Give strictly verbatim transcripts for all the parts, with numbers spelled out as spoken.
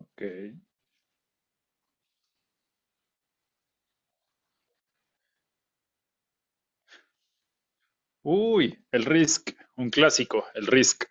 Ok. Uy, el Risk, un clásico, el Risk.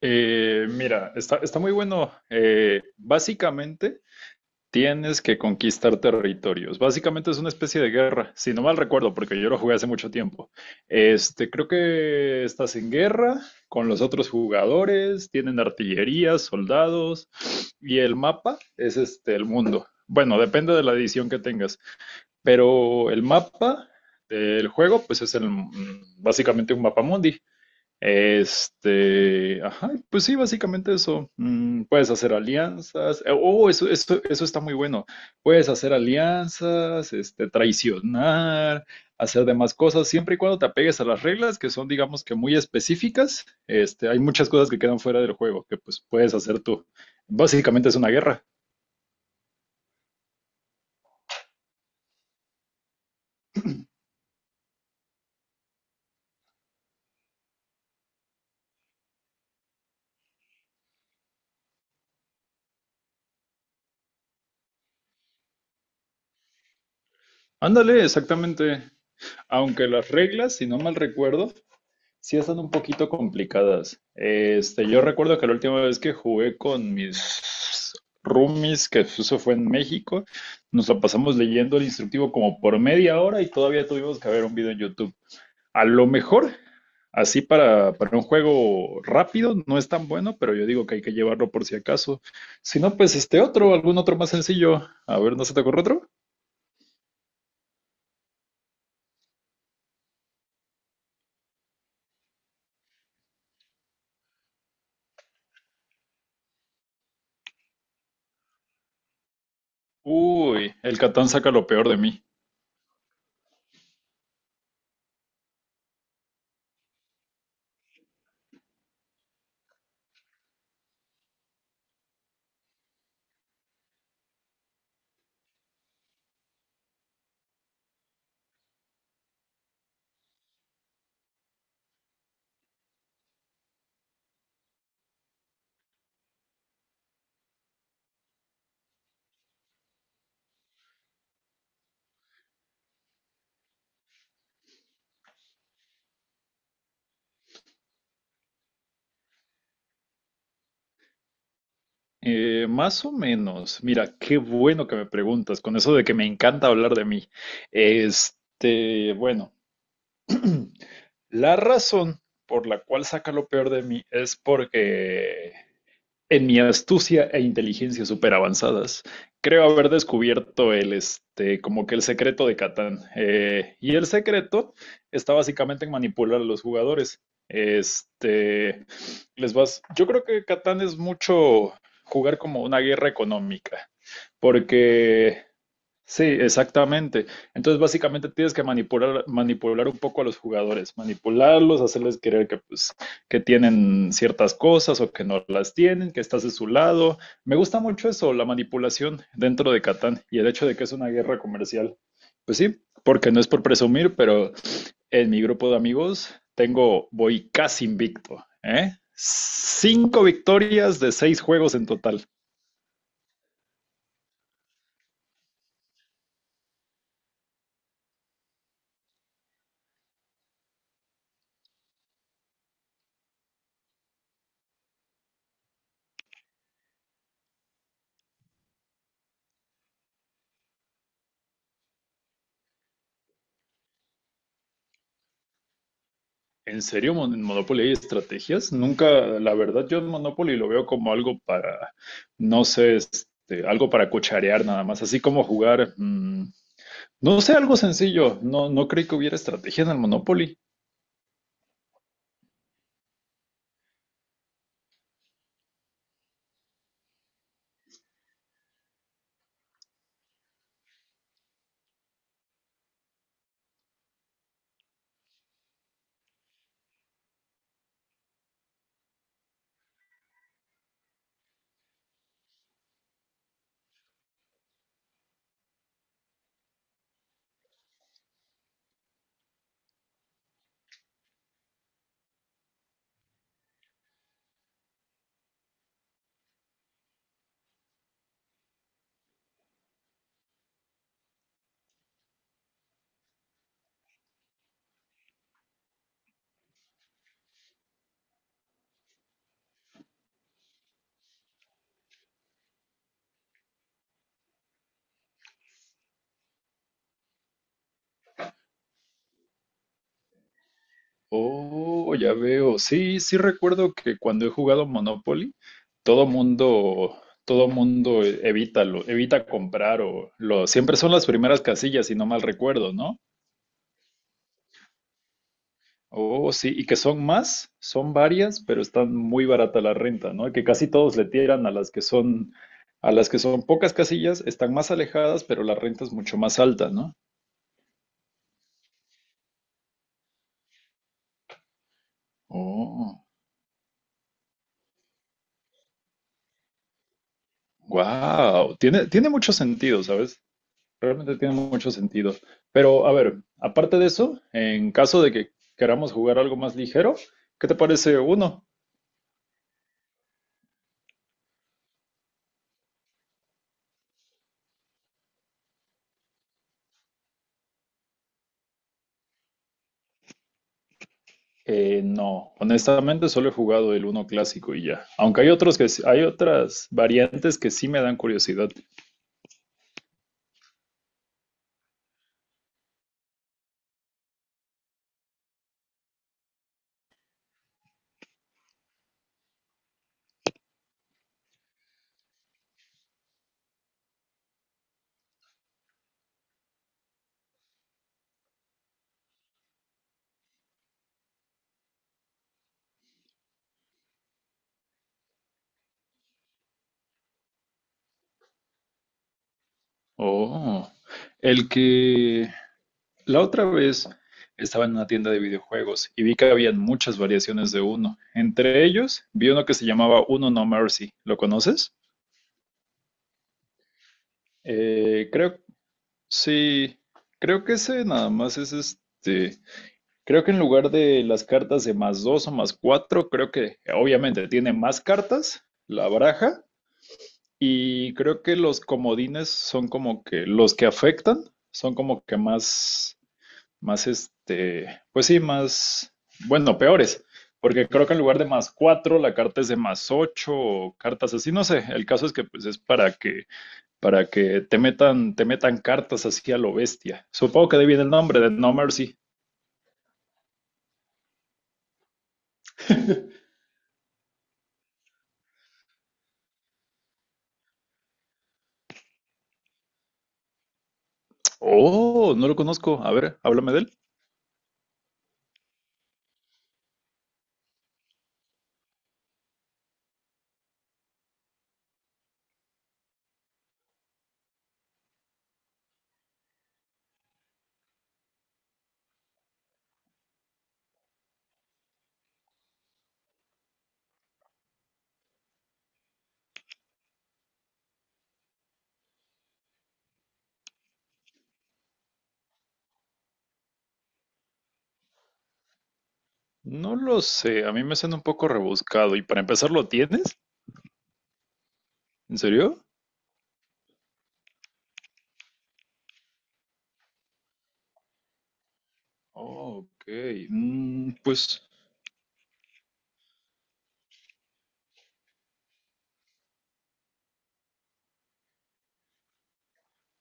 Eh, mira, está, está muy bueno. Eh, básicamente tienes que conquistar territorios. Básicamente es una especie de guerra, si no mal recuerdo, porque yo lo jugué hace mucho tiempo. Este, creo que estás en guerra con los otros jugadores, tienen artillería, soldados, y el mapa es este, el mundo. Bueno, depende de la edición que tengas. Pero el mapa del juego, pues es el, mm, básicamente un mapa mundi. Este, ajá, pues sí, básicamente eso. Mm, puedes hacer alianzas. eh, Oh, eso, eso, eso está muy bueno. Puedes hacer alianzas, este, traicionar, hacer demás cosas, siempre y cuando te apegues a las reglas que son, digamos que muy específicas. Este, hay muchas cosas que quedan fuera del juego que pues puedes hacer tú. Básicamente es una guerra. Ándale, exactamente. Aunque las reglas, si no mal recuerdo, sí, están un poquito complicadas. Este, yo recuerdo que la última vez que jugué con mis roomies, que eso fue en México, nos la pasamos leyendo el instructivo como por media hora y todavía tuvimos que ver un video en YouTube. A lo mejor, así para, para un juego rápido, no es tan bueno, pero yo digo que hay que llevarlo por si acaso. Si no, pues este otro, algún otro más sencillo. A ver, ¿no se te ocurre otro? Uy, el Catán saca lo peor de mí. Eh, más o menos. Mira, qué bueno que me preguntas con eso de que me encanta hablar de mí. Este, bueno, la razón por la cual saca lo peor de mí es porque en mi astucia e inteligencia súper avanzadas, creo haber descubierto el, este, como que el secreto de Catán. Eh, y el secreto está básicamente en manipular a los jugadores. Este, les vas, yo creo que Catán es mucho jugar como una guerra económica, porque sí, exactamente. Entonces, básicamente tienes que manipular, manipular un poco a los jugadores, manipularlos, hacerles creer que, pues, que tienen ciertas cosas o que no las tienen, que estás de su lado. Me gusta mucho eso, la manipulación dentro de Catán y el hecho de que es una guerra comercial. Pues sí, porque no es por presumir, pero en mi grupo de amigos tengo, voy casi invicto, ¿eh? Cinco victorias de seis juegos en total. ¿En serio Mon- en Monopoly hay estrategias? Nunca, la verdad, yo Monopoly lo veo como algo para, no sé, este, algo para cucharear nada más, así como jugar, mm, no sé, algo sencillo. No, no creí que hubiera estrategia en el Monopoly. Oh, ya veo. Sí, sí recuerdo que cuando he jugado Monopoly, todo mundo, todo mundo evita lo, evita comprar o lo, siempre son las primeras casillas, si no mal recuerdo, ¿no? Oh, sí, y que son más, son varias, pero están muy barata la renta, ¿no? Que casi todos le tiran a las que son, a las que son pocas casillas, están más alejadas, pero la renta es mucho más alta, ¿no? Oh, wow, tiene, tiene mucho sentido, ¿sabes? Realmente tiene mucho sentido. Pero, a ver, aparte de eso, en caso de que queramos jugar algo más ligero, ¿qué te parece uno? Eh, no, honestamente solo he jugado el uno clásico y ya. Aunque hay otros que sí- hay otras variantes que sí me dan curiosidad. Oh, el que la otra vez estaba en una tienda de videojuegos y vi que habían muchas variaciones de uno. Entre ellos vi uno que se llamaba Uno No Mercy. ¿Lo conoces? Eh, creo, sí, creo que ese nada más es este. Creo que en lugar de las cartas de más dos o más cuatro, creo que obviamente tiene más cartas la baraja y creo que los comodines son como que los que afectan, son como que más, más este, pues sí, más, bueno, peores, porque creo que en lugar de más cuatro, la carta es de más ocho o cartas así, no sé, el caso es que pues es para que, para que, te metan, te metan cartas así a lo bestia. Supongo que de ahí viene el nombre de No Mercy. Oh, no lo conozco. A ver, háblame de él. No lo sé, a mí me suena un poco rebuscado. ¿Y para empezar lo tienes? ¿En serio? Oh, ok. Mm, pues,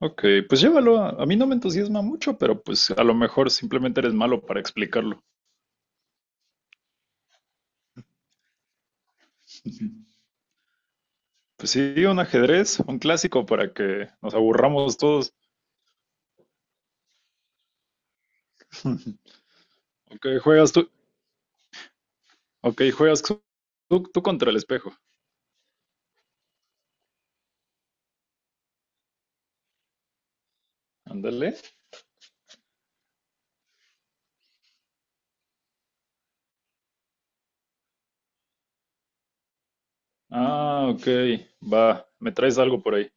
ok, pues llévalo. A a mí no me entusiasma mucho, pero pues a lo mejor simplemente eres malo para explicarlo. Pues sí, un ajedrez, un clásico para que nos aburramos todos. Ok, juegas tú. Ok, juegas tú, tú- tú contra el espejo. Ándale. Ah, ok, va. Me traes algo por ahí.